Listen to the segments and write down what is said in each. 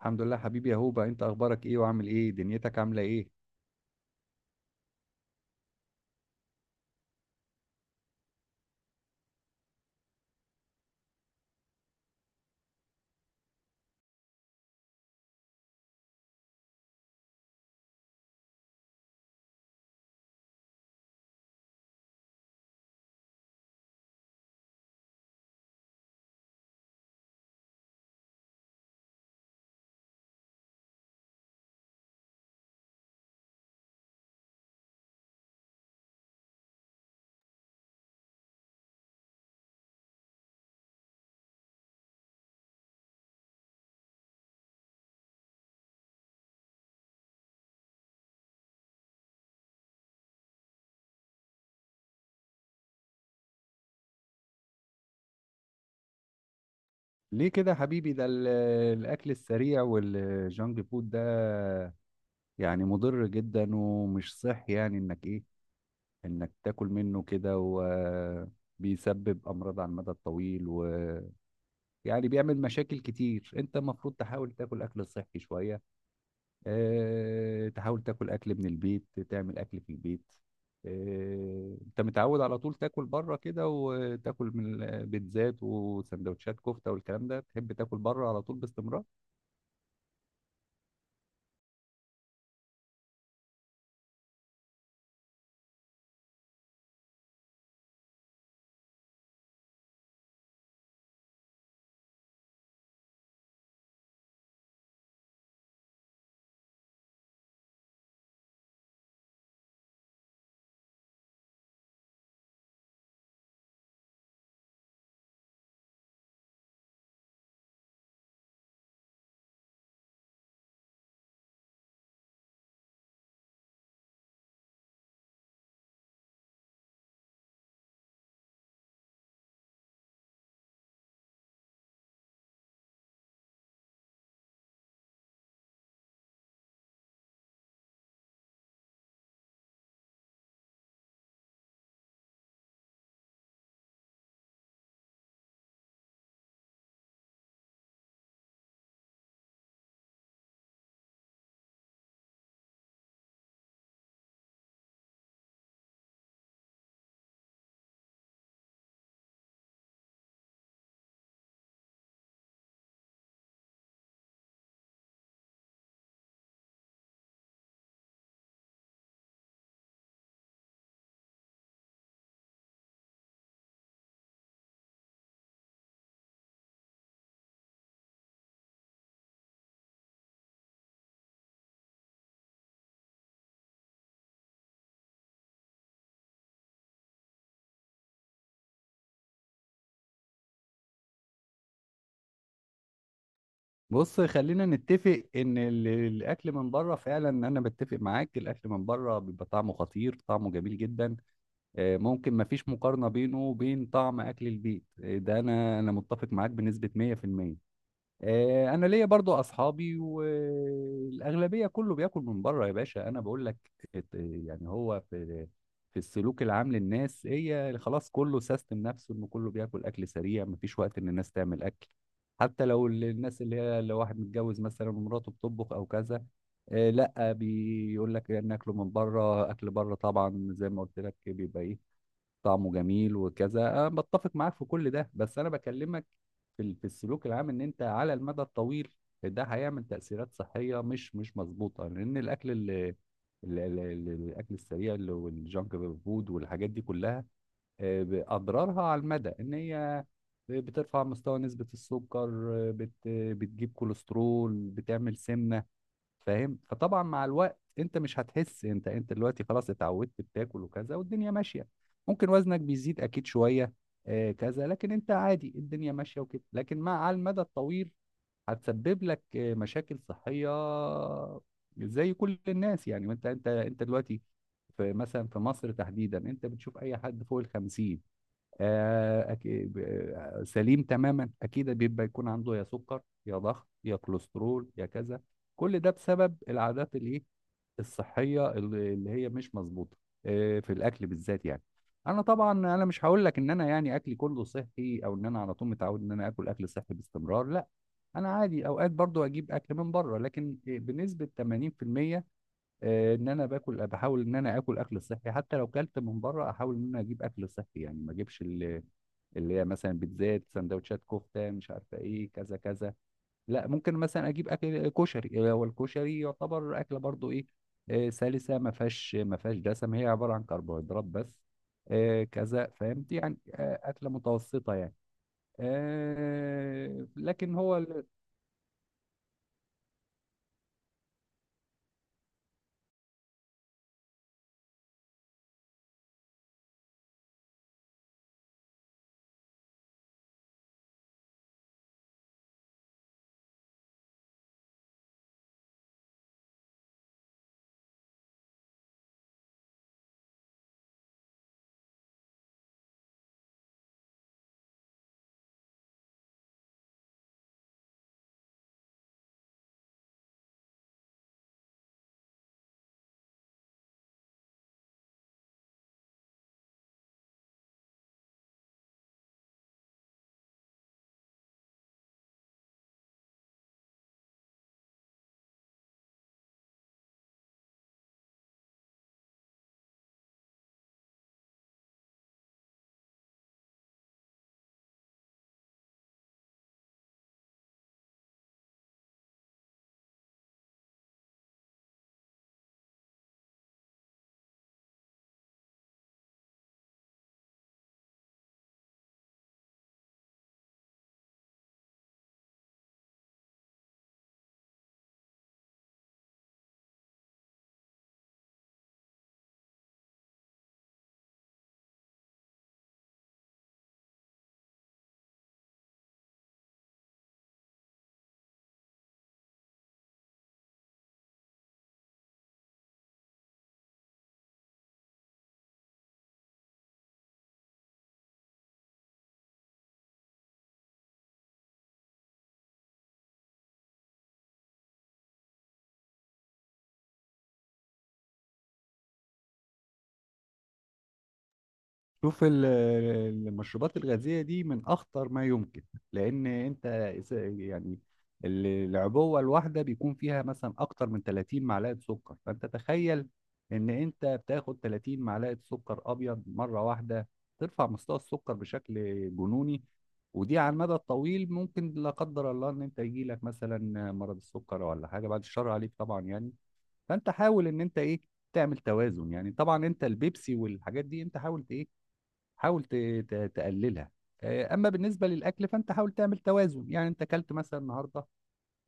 الحمد لله حبيبي يا هوبا، انت اخبارك ايه وعامل ايه؟ دنيتك عامله ايه؟ ليه كده حبيبي؟ الاكل السريع والجانك فود ده يعني مضر جدا ومش صحي، يعني انك انك تاكل منه كده وبيسبب امراض على المدى الطويل، ويعني بيعمل مشاكل كتير. انت المفروض تحاول تاكل اكل صحي شويه، تحاول تاكل اكل من البيت، تعمل اكل في البيت. انت متعود على طول تاكل بره كده وتاكل من البيتزات وسندوتشات كفته والكلام ده، تحب تاكل بره على طول باستمرار. بص، خلينا نتفق ان الاكل من بره فعلا، انا بتفق معاك، الاكل من بره بيبقى طعمه خطير، طعمه جميل جدا. ممكن ما فيش مقارنه بينه وبين طعم اكل البيت. ده انا متفق معاك بنسبه 100%. انا ليا برضو اصحابي والاغلبيه كله بياكل من بره يا باشا. انا بقول لك، يعني هو في السلوك العام للناس، هي خلاص كله سيستم نفسه، انه كله بياكل اكل سريع، مفيش وقت ان الناس تعمل اكل. حتى لو الناس اللي هي، لو واحد متجوز مثلا ومراته بتطبخ او كذا، لا بيقول لك ناكله من بره. اكل بره طبعا زي ما قلت لك بيبقى ايه، طعمه جميل وكذا. أنا بتفق معاك في كل ده، بس أنا بكلمك في في السلوك العام، إن أنت على المدى الطويل ده هيعمل تأثيرات صحية مش مظبوطة. لأن الأكل اللي الاكل السريع والجانك فود والحاجات دي كلها، اضرارها على المدى ان هي بترفع مستوى نسبة السكر. آه، بت بتجيب كوليسترول، بتعمل سمنة، فاهم؟ فطبعا مع الوقت انت مش هتحس. انت دلوقتي خلاص اتعودت بتاكل وكذا والدنيا ماشيه، ممكن وزنك بيزيد اكيد شويه آه كذا، لكن انت عادي، الدنيا ماشيه وكده. لكن على المدى الطويل هتسبب لك مشاكل صحيه زي كل الناس يعني. وانت انت انت دلوقتي مثلا في مصر تحديدا، انت بتشوف اي حد فوق ال 50 آه، أكي- ب- سليم تماما، اكيد بيبقى يكون عنده يا سكر يا ضغط يا كوليسترول يا كذا. كل ده بسبب العادات الايه، الصحيه اللي هي مش مظبوطه، في الاكل بالذات يعني. انا طبعا انا مش هقول لك ان انا يعني اكلي كله صحي، او ان انا على طول متعود ان انا اكل اكل صحي باستمرار، لا. انا عادي اوقات برضو اجيب اكل من بره، لكن بنسبه 80% ان انا باكل، بحاول ان انا اكل اكل صحي. حتى لو كلت من بره، احاول ان انا اجيب اكل صحي يعني، ما اجيبش اللي هي مثلا بيتزات سندوتشات كفته مش عارفه ايه كذا كذا. لا، ممكن مثلا اجيب اكل كشري. هو الكشري يعتبر اكله برضو ايه، سلسه، ما فيهاش دسم، هي عباره عن كربوهيدرات بس آه، كذا فهمت يعني، اكله متوسطه يعني. آه، لكن هو شوف المشروبات الغازية دي من أخطر ما يمكن. لأن يعني العبوة الواحدة بيكون فيها مثلا أكتر من 30 معلقة سكر. فأنت تخيل إن أنت بتاخد 30 معلقة سكر أبيض مرة واحدة، ترفع مستوى السكر بشكل جنوني. ودي على المدى الطويل ممكن لا قدر الله إن أنت يجيلك مثلا مرض السكر ولا حاجة، بعد الشر عليك طبعا يعني. فأنت حاول إن أنت إيه، تعمل توازن يعني. طبعا أنت البيبسي والحاجات دي أنت حاول إيه، حاول تقللها. اما بالنسبه للاكل، فانت حاول تعمل توازن. يعني انت اكلت مثلا النهارده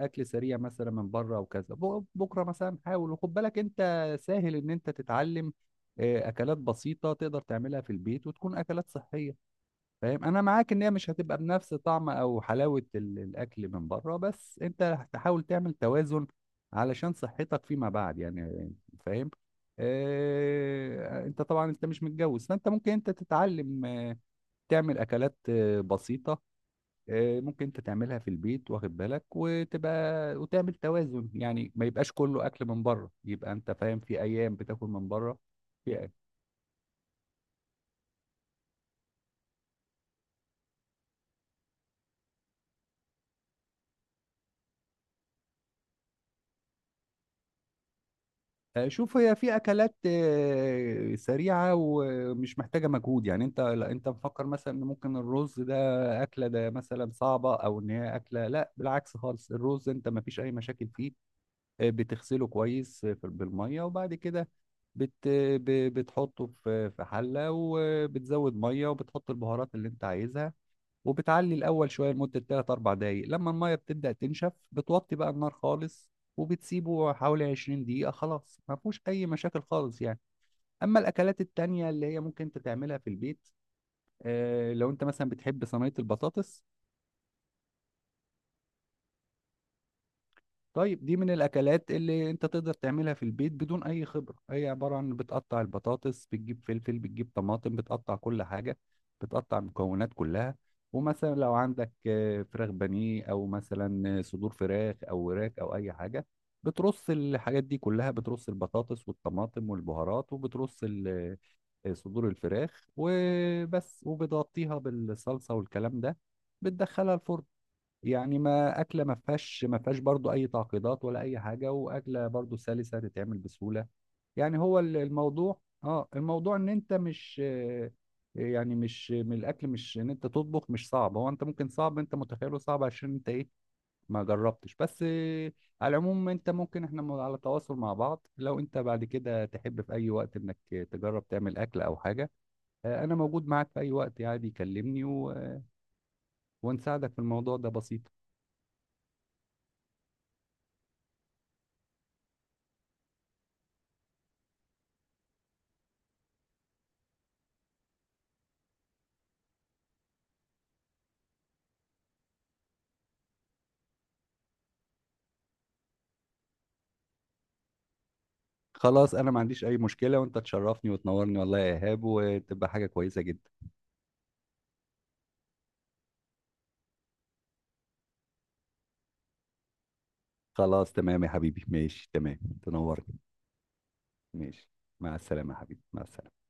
اكل سريع مثلا من بره وكذا، بكره مثلا حاول وخد بالك، انت سهل ان انت تتعلم اكلات بسيطه تقدر تعملها في البيت وتكون اكلات صحيه. فاهم؟ انا معاك ان هي مش هتبقى بنفس طعم او حلاوه الاكل من بره، بس انت تحاول تعمل توازن علشان صحتك فيما بعد يعني، فاهم؟ انت طبعا انت مش متجوز، فانت ممكن انت تتعلم، تعمل اكلات بسيطه ممكن انت تعملها في البيت، واخد بالك، وتبقى وتعمل توازن، يعني ما يبقاش كله اكل من بره، يبقى انت فاهم، في ايام بتاكل من بره. في آه، شوف، هي في اكلات سريعه ومش محتاجه مجهود يعني. انت لا، انت مفكر مثلا ان ممكن الرز ده اكله ده مثلا صعبه، او ان هي اكله، لا بالعكس خالص. الرز انت ما فيش اي مشاكل فيه، بتغسله كويس بالميه، وبعد كده بت بتحطه في حله، وبتزود ميه، وبتحط البهارات اللي انت عايزها، وبتعلي الاول شويه لمده 3 4 دقائق. لما الميه بتبدا تنشف، بتوطي بقى النار خالص، وبتسيبه حوالي 20 دقيقه، خلاص ما فيهوش اي مشاكل خالص يعني. اما الاكلات التانية اللي هي ممكن انت تعملها في البيت، لو انت مثلا بتحب صينيه البطاطس، طيب دي من الاكلات اللي انت تقدر تعملها في البيت بدون اي خبره. هي عباره عن بتقطع البطاطس، بتجيب فلفل، بتجيب طماطم، بتقطع كل حاجه، بتقطع المكونات كلها. ومثلا لو عندك فراخ بانيه، او مثلا صدور فراخ او وراك او اي حاجه، بترص الحاجات دي كلها، بترص البطاطس والطماطم والبهارات، وبترص صدور الفراخ وبس، وبتغطيها بالصلصه والكلام ده، بتدخلها الفرن. يعني ما اكله ما فيهاش برضو اي تعقيدات ولا اي حاجه، واكله برضو سلسه تتعمل بسهوله يعني. هو الموضوع اه، الموضوع ان انت مش آه، يعني مش من الاكل، مش ان انت تطبخ مش صعب، هو انت ممكن صعب، انت متخيله صعب عشان انت ايه، ما جربتش. بس على العموم، انت ممكن، احنا على تواصل مع بعض، لو انت بعد كده تحب في اي وقت انك تجرب تعمل اكل او حاجه، انا موجود معاك في اي وقت، عادي كلمني، ونساعدك في الموضوع، ده بسيط. خلاص انا ما عنديش اي مشكلة، وانت تشرفني وتنورني والله يا ايهاب، وتبقى حاجة كويسة جدا. خلاص تمام يا حبيبي، ماشي تمام، تنورني. ماشي، مع السلامة يا حبيبي، مع السلامة.